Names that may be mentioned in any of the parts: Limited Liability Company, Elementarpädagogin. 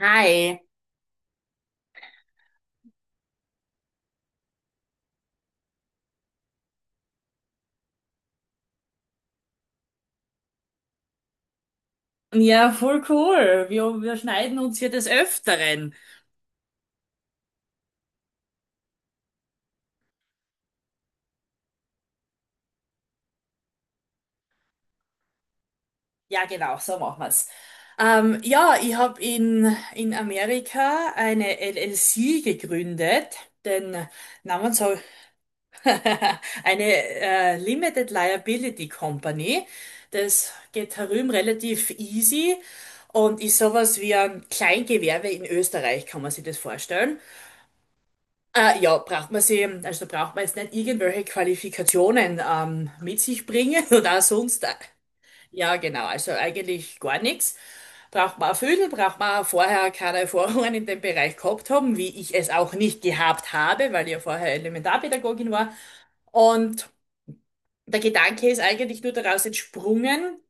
Hi. Ja, voll cool. Wir schneiden uns hier des Öfteren. Ja, genau, so machen wir's. Ja, ich habe in Amerika eine LLC gegründet, den Namen so eine Limited Liability Company. Das geht herum relativ easy und ist sowas wie ein Kleingewerbe in Österreich, kann man sich das vorstellen. Ja, braucht man sie, also braucht man jetzt nicht irgendwelche Qualifikationen mit sich bringen oder sonst. Ja, genau, also eigentlich gar nichts. Braucht man erfüllen, braucht man vorher keine Erfahrungen in dem Bereich gehabt haben, wie ich es auch nicht gehabt habe, weil ich ja vorher Elementarpädagogin war. Und der Gedanke ist eigentlich nur daraus entsprungen,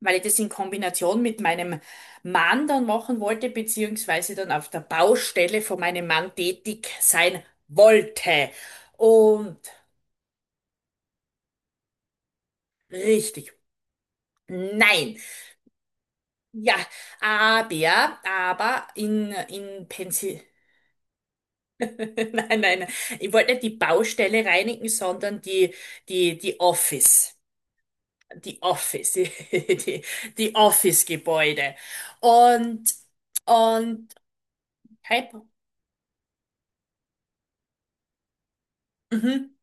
weil ich das in Kombination mit meinem Mann dann machen wollte, beziehungsweise dann auf der Baustelle von meinem Mann tätig sein wollte. Und richtig. Nein. Ja, aber in Pensil. Nein, nein. Ich wollte nicht die Baustelle reinigen, sondern die Office. Die Office, die die Office-Gebäude. Und, und, okay. Mhm.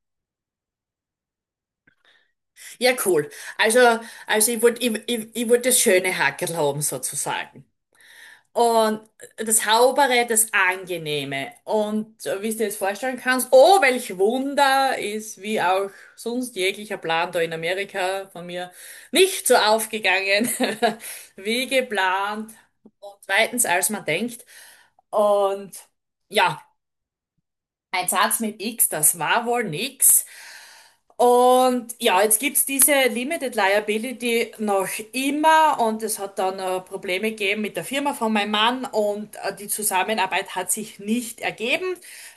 Ja, cool. Also, also ich wollt das schöne Hackerl haben, sozusagen. Und das Saubere, das Angenehme. Und wie du dir das vorstellen kannst, oh, welch Wunder ist, wie auch sonst jeglicher Plan da in Amerika von mir nicht so aufgegangen, wie geplant. Und zweitens, als man denkt. Und ja, ein Satz mit X, das war wohl nix. Und ja, jetzt gibt's diese Limited Liability noch immer, und es hat dann Probleme gegeben mit der Firma von meinem Mann, und die Zusammenarbeit hat sich nicht ergeben.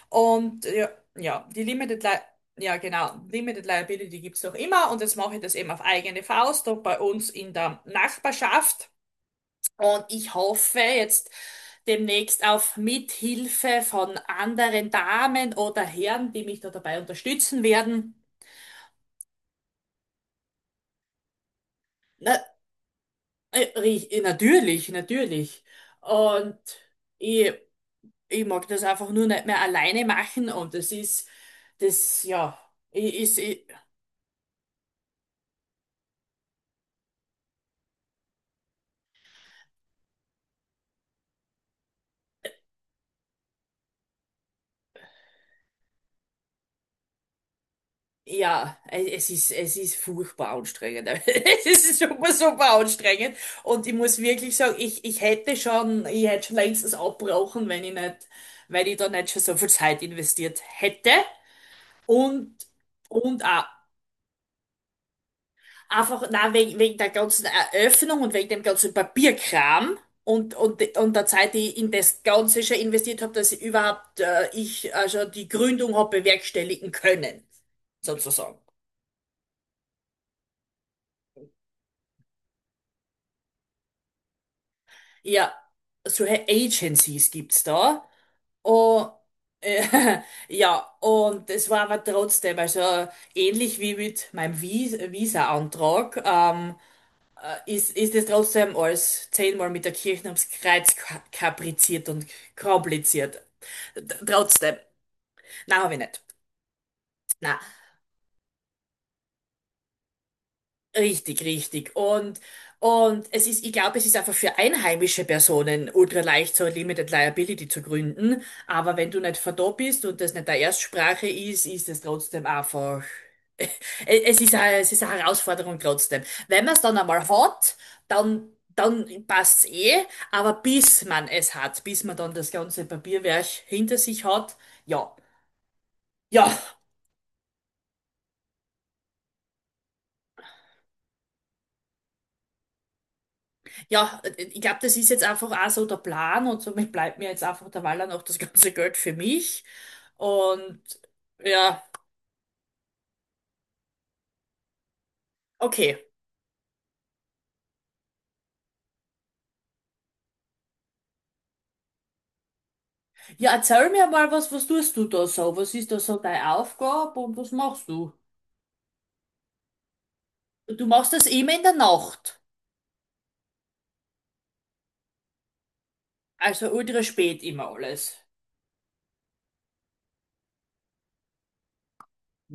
Und ja, ja, die Limited Li ja, genau, Limited Liability gibt's noch immer, und jetzt mache ich das eben auf eigene Faust und bei uns in der Nachbarschaft. Und ich hoffe jetzt demnächst auf Mithilfe von anderen Damen oder Herren, die mich da dabei unterstützen werden. Ne. Natürlich, natürlich. Und ich, ich mag das einfach nur nicht mehr alleine machen, und ja, ich, ist, ich, ja, es ist furchtbar anstrengend. Es ist super, super anstrengend. Und ich muss wirklich sagen, ich hätte schon, längstens abgebrochen, wenn ich da nicht schon so viel Zeit investiert hätte und, und auch. Einfach, na, wegen der ganzen Eröffnung und wegen dem ganzen Papierkram und der Zeit, die ich in das Ganze schon investiert habe, dass ich überhaupt ich also die Gründung habe bewerkstelligen können, sozusagen. Ja, solche Agencies gibt's da. Und, äh, ja, und es war aber trotzdem, also ähnlich wie mit meinem Visa-Antrag. Ist es trotzdem alles zehnmal mit der Kirche ums Kreuz kapriziert und kompliziert. Trotzdem. Nein, habe ich nicht. Nein. Richtig, richtig. Und es ist, ich glaube, es ist einfach für einheimische Personen ultra leicht, so eine Limited Liability zu gründen. Aber wenn du nicht verdorben bist und das nicht deine Erstsprache ist, ist es trotzdem einfach. Es ist eine Herausforderung trotzdem. Wenn man es dann einmal hat, dann, dann passt's eh. Aber bis man es hat, bis man dann das ganze Papierwerk hinter sich hat, ja. Ja. Ja, ich glaube, das ist jetzt einfach auch so der Plan, und somit bleibt mir jetzt einfach der Waller noch das ganze Geld für mich. Und ja, okay. Ja, erzähl mir mal was. Was tust du da so? Was ist da so deine Aufgabe, und was machst du? Du machst das immer in der Nacht. Also ultra spät immer alles.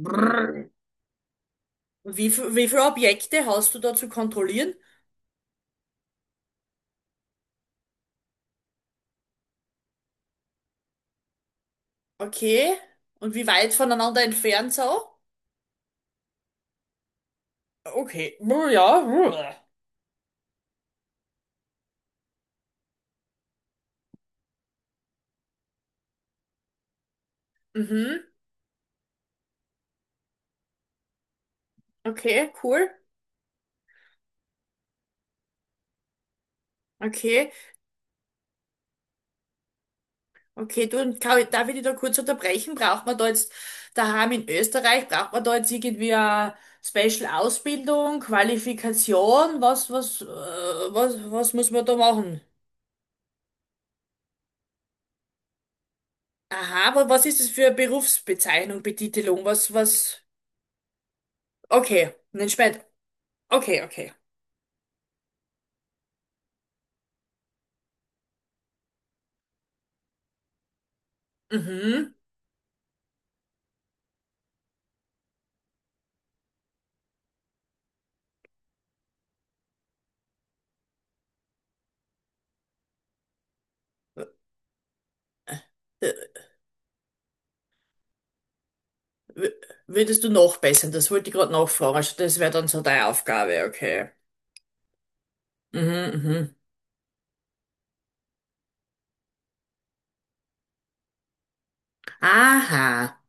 Brrr. Wie viele Objekte hast du da zu kontrollieren? Okay. Und wie weit voneinander entfernt so? Okay. Brr. Ja. Brr. Mhm. Okay, cool. Okay. Okay, du, und kann darf ich dich da kurz unterbrechen? Braucht man da jetzt daheim in Österreich, braucht man da jetzt irgendwie eine Special-Ausbildung, Qualifikation? Was muss man da machen? Aha, aber was ist das für eine Berufsbezeichnung, Betitelung? Was? Okay, nein, spät. Okay, okay. Mhm. Äh, w- Würdest du nachbessern? Das wollte ich gerade nachfragen. Also das wäre dann so deine Aufgabe, okay. Mhm, mhm. Aha,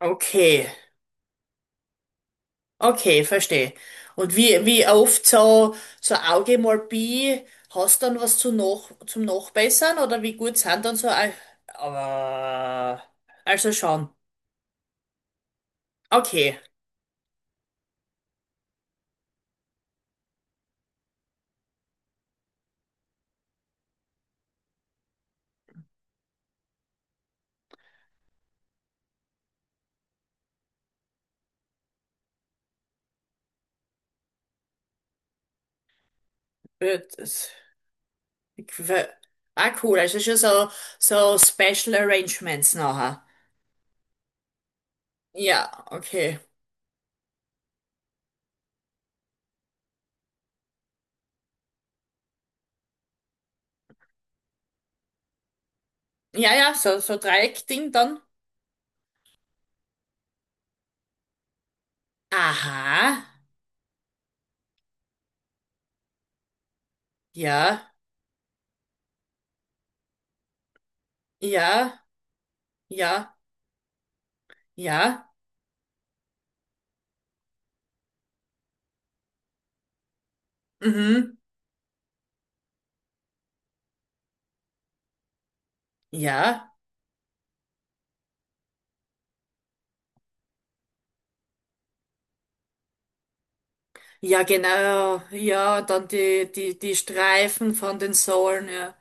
okay. Okay, verstehe. Und wie oft so, Augemalpie, hast dann was zu noch, zum Nachbessern, oder wie gut sind dann so, Au- aber, also schon. Okay, Äh, das, ah, cool, also schon so Special Arrangements nachher. Ja, okay. Ja, ja, so Dreieckding dann. Aha, ja, ja, ja, ja, mhm, ja. Ja, genau. Ja, und dann die Streifen von den Sohlen, ja.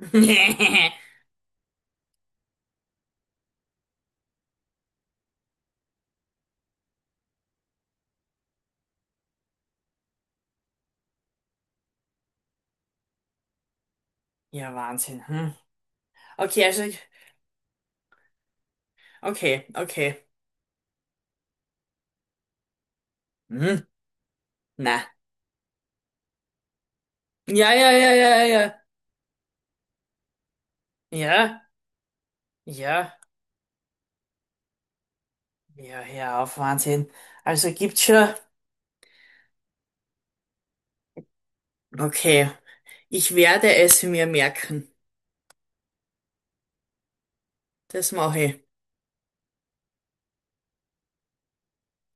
Ja, Wahnsinn. Hm. Okay, okay, okay. Hm, na. Ja, ja, ja, ja, ja. Ja, ja. Ja, hör auf, Wahnsinn. Also gibt's schon. Okay, ich werde es mir merken. Das mache ich.